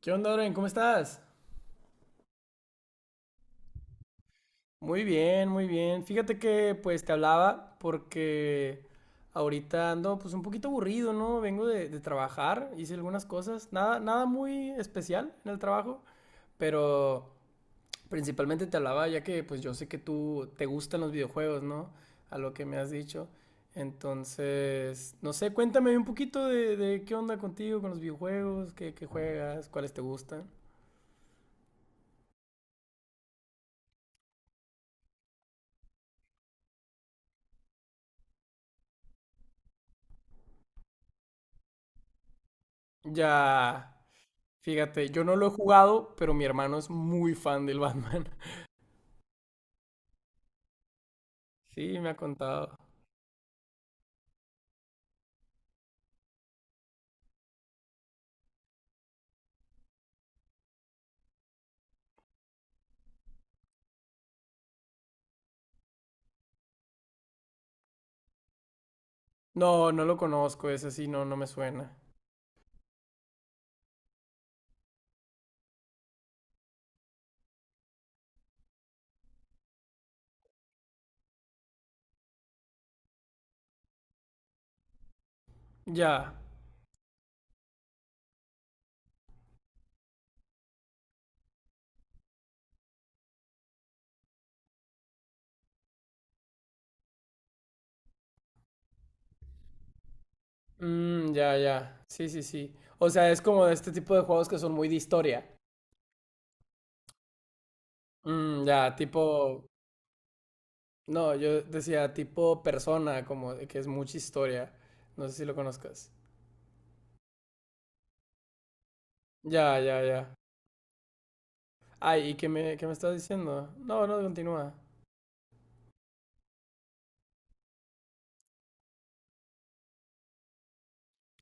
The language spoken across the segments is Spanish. ¿Qué onda, Oren? ¿Cómo estás? Muy bien, muy bien. Fíjate que pues te hablaba porque ahorita ando pues un poquito aburrido, ¿no? Vengo de trabajar, hice algunas cosas, nada, nada muy especial en el trabajo, pero principalmente te hablaba ya que pues yo sé que tú te gustan los videojuegos, ¿no? A lo que me has dicho. Entonces, no sé, cuéntame un poquito de qué onda contigo, con los videojuegos, qué juegas, cuáles te gustan. Ya. Fíjate, yo no lo he jugado, pero mi hermano es muy fan del Batman. Sí, me ha contado. No, no lo conozco, ese sí, no, no me suena. Ya. Mm, ya, ya. Sí, sí, sí. O sea, es como de este tipo de juegos que son muy de historia. Mm, ya, tipo... No, yo decía tipo persona, como de que es mucha historia. No sé si lo conozcas. Ya, ya, ya. Ay, ¿y qué me estás diciendo? No, no, continúa.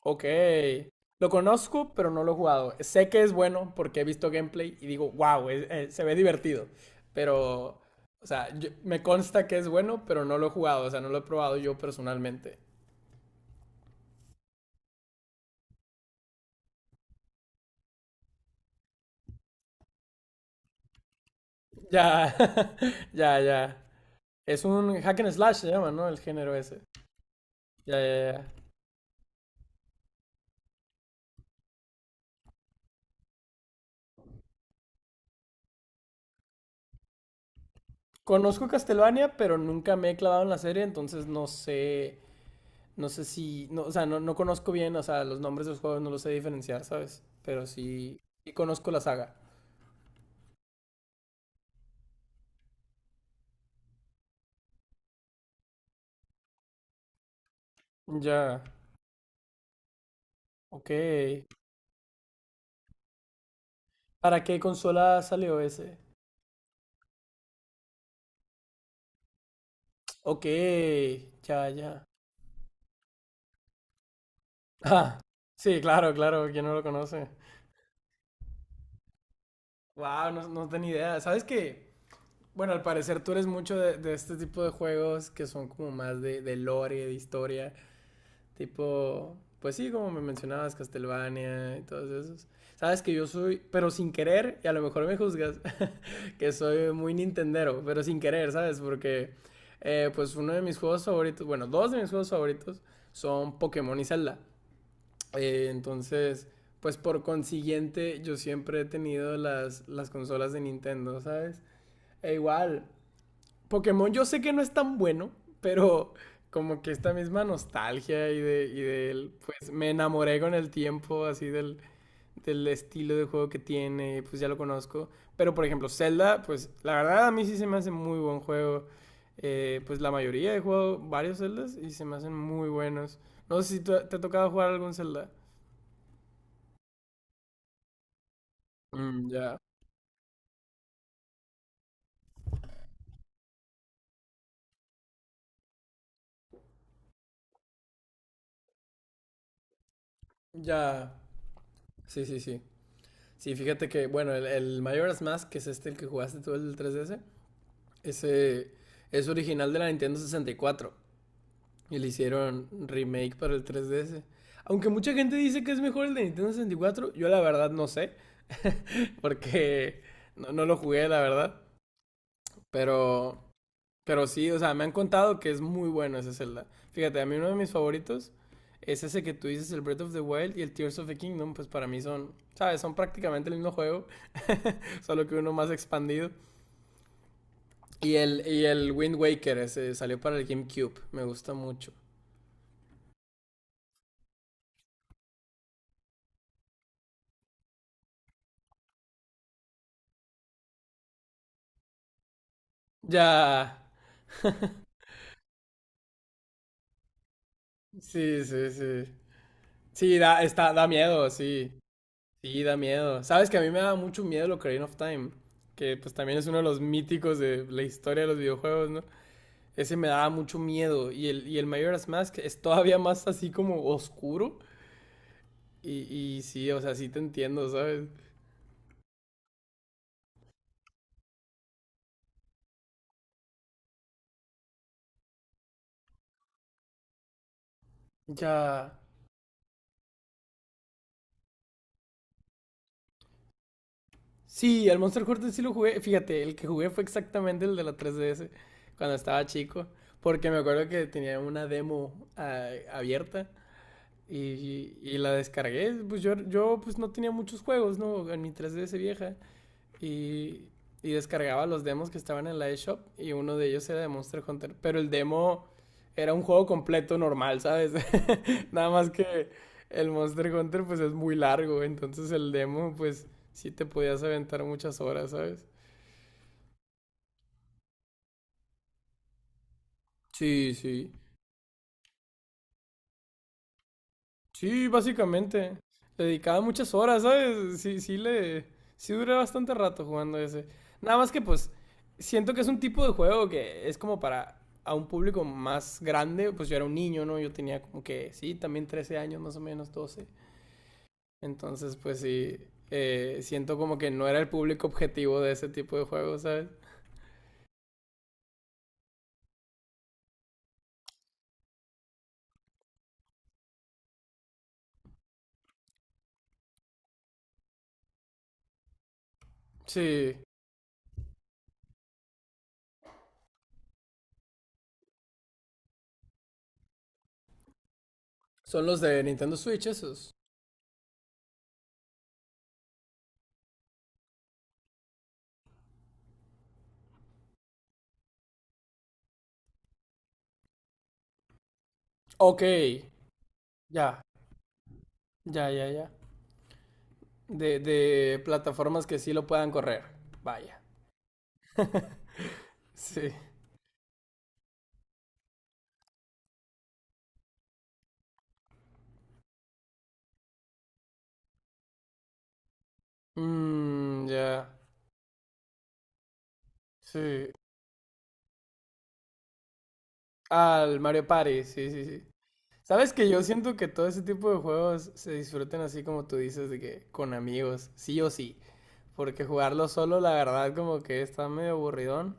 Ok. Lo conozco, pero no lo he jugado. Sé que es bueno porque he visto gameplay y digo, wow, se ve divertido. Pero, o sea, yo- me consta que es bueno, pero no lo he jugado. O sea, no lo he probado yo personalmente. Ya, ya, ya. Es un hack and slash, se llama, ¿no? El género ese. Ya, ya, ya. Conozco Castlevania, pero nunca me he clavado en la serie, entonces no sé, no sé si, no, o sea, no, no conozco bien, o sea, los nombres de los juegos no los sé diferenciar, ¿sabes? Pero sí, sí conozco la saga. Ya, ok. ¿Para qué consola salió ese? Ok, ya, ya. Ah, sí, claro, claro, ¿quién no lo conoce? Wow, no, no tenía idea. ¿Sabes qué? Bueno, al parecer tú eres mucho de este tipo de juegos que son como más de lore, de historia. Tipo, pues sí, como me mencionabas, Castlevania y todos esos. Sabes que yo soy, pero sin querer, y a lo mejor me juzgas, que soy muy nintendero, pero sin querer, ¿sabes? Porque, pues uno de mis juegos favoritos, bueno, dos de mis juegos favoritos son Pokémon y Zelda. Entonces, pues por consiguiente, yo siempre he tenido las consolas de Nintendo, ¿sabes? E igual, Pokémon yo sé que no es tan bueno, pero como que esta misma nostalgia pues me enamoré con el tiempo así del estilo de juego que tiene, pues ya lo conozco. Pero por ejemplo, Zelda, pues la verdad a mí sí se me hace muy buen juego. Pues la mayoría he jugado varios Zeldas y se me hacen muy buenos. No sé si tú- te ha tocado jugar algún Zelda. Mm, ya, ya. Sí, sí, sí. Sí, fíjate que, bueno, el Majora's Mask, que es este el que jugaste tú, el 3DS. Ese es original de la Nintendo 64 y le hicieron remake para el 3DS. Aunque mucha gente dice que es mejor el de Nintendo 64, yo la verdad no sé, porque no, no lo jugué, la verdad. Pero, pero sí, o sea, me han contado que es muy bueno ese Zelda. Fíjate, a mí uno de mis favoritos es ese que tú dices, el Breath of the Wild y el Tears of the Kingdom, pues para mí son, ¿sabes? Son prácticamente el mismo juego, solo que uno más expandido. Y el Wind Waker ese salió para el GameCube. Me gusta mucho. Ya. Sí, sí, sí. Sí, da, está, da miedo, sí. Sí, da miedo. Sabes que a mí me da mucho miedo lo Ocarina of Time. Que pues también es uno de los míticos de la historia de los videojuegos, ¿no? Ese me daba mucho miedo. Y el Majora's Mask es todavía más así como oscuro. Y sí, o sea, sí te entiendo, ¿sabes? Ya. Sí, al Monster Hunter sí lo jugué. Fíjate, el que jugué fue exactamente el de la 3DS cuando estaba chico. Porque me acuerdo que tenía una demo abierta y la descargué. Pues yo pues no tenía muchos juegos, ¿no? En mi 3DS vieja y, y descargaba los demos que estaban en la eShop y uno de ellos era de Monster Hunter. Pero el demo era un juego completo normal, ¿sabes? Nada más que el Monster Hunter pues es muy largo, entonces el demo pues sí te podías aventar muchas horas, ¿sabes? Sí, sí. Sí, básicamente. Le dedicaba muchas horas, ¿sabes? Sí, sí le... Sí duré bastante rato jugando ese. Nada más que pues siento que es un tipo de juego que es como para a un público más grande. Pues yo era un niño, ¿no? Yo tenía como que, sí, también 13 años, más o menos 12. Entonces, pues sí, siento como que no era el público objetivo de ese tipo de juegos, ¿sabes? Sí. Son los de Nintendo Switch esos. Ok. Ya, ya, ya, ya. De plataformas que sí lo puedan correr. Vaya. Sí. Mmm, ya. Sí. Ah, el Mario Party. Sí, sí, sí. Sabes que yo siento que todo ese tipo de juegos se disfruten así como tú dices, de que con amigos, sí o sí. Porque jugarlo solo, la verdad, como que está medio aburridón.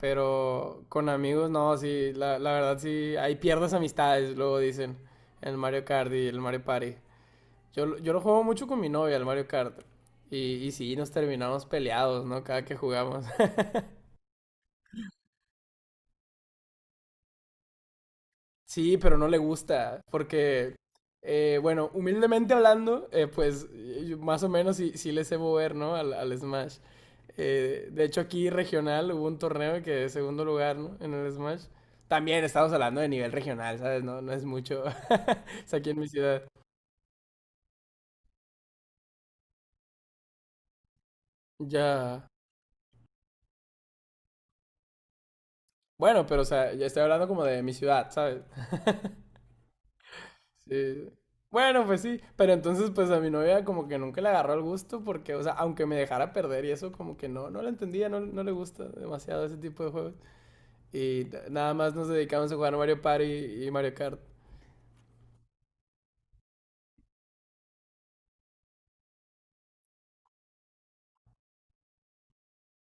Pero con amigos, no, sí, la verdad, sí. Ahí pierdes amistades, luego dicen. El Mario Kart y el Mario Party. Yo lo juego mucho con mi novia, el Mario Kart. Y sí, nos terminamos peleados, ¿no? Cada que jugamos. Sí, pero no le gusta. Porque, bueno, humildemente hablando, pues yo más o menos sí, sí le sé mover, ¿no? Al Smash. De hecho, aquí regional hubo un torneo que de segundo lugar, ¿no? En el Smash. También estamos hablando de nivel regional, ¿sabes? No, no es mucho. Es aquí en mi ciudad. Ya. Bueno, pero o sea, ya estoy hablando como de mi ciudad, ¿sabes? Sí. Bueno, pues sí, pero entonces pues a mi novia como que nunca le agarró el gusto porque, o sea, aunque me dejara perder y eso como que no, no la entendía, no, no le gusta demasiado ese tipo de juegos. Y na- nada más nos dedicamos a jugar Mario Party y Mario Kart.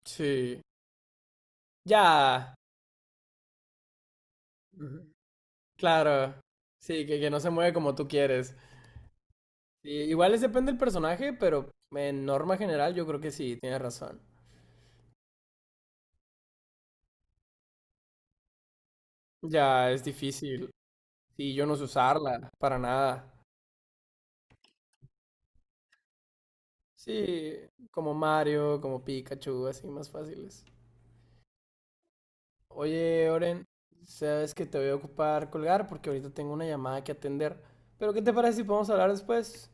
Sí. Ya. Ujú. Claro. Sí, que no se mueve como tú quieres. Sí, igual es depende del personaje, pero en norma general yo creo que sí, tienes razón. Ya, es difícil. Sí, yo no sé usarla, para nada. Sí, como Mario, como Pikachu, así más fáciles. Oye, Oren, sabes que te voy a ocupar colgar porque ahorita tengo una llamada que atender. Pero ¿qué te parece si podemos hablar después?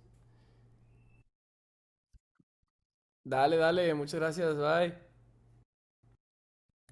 Dale, dale, muchas gracias, bye.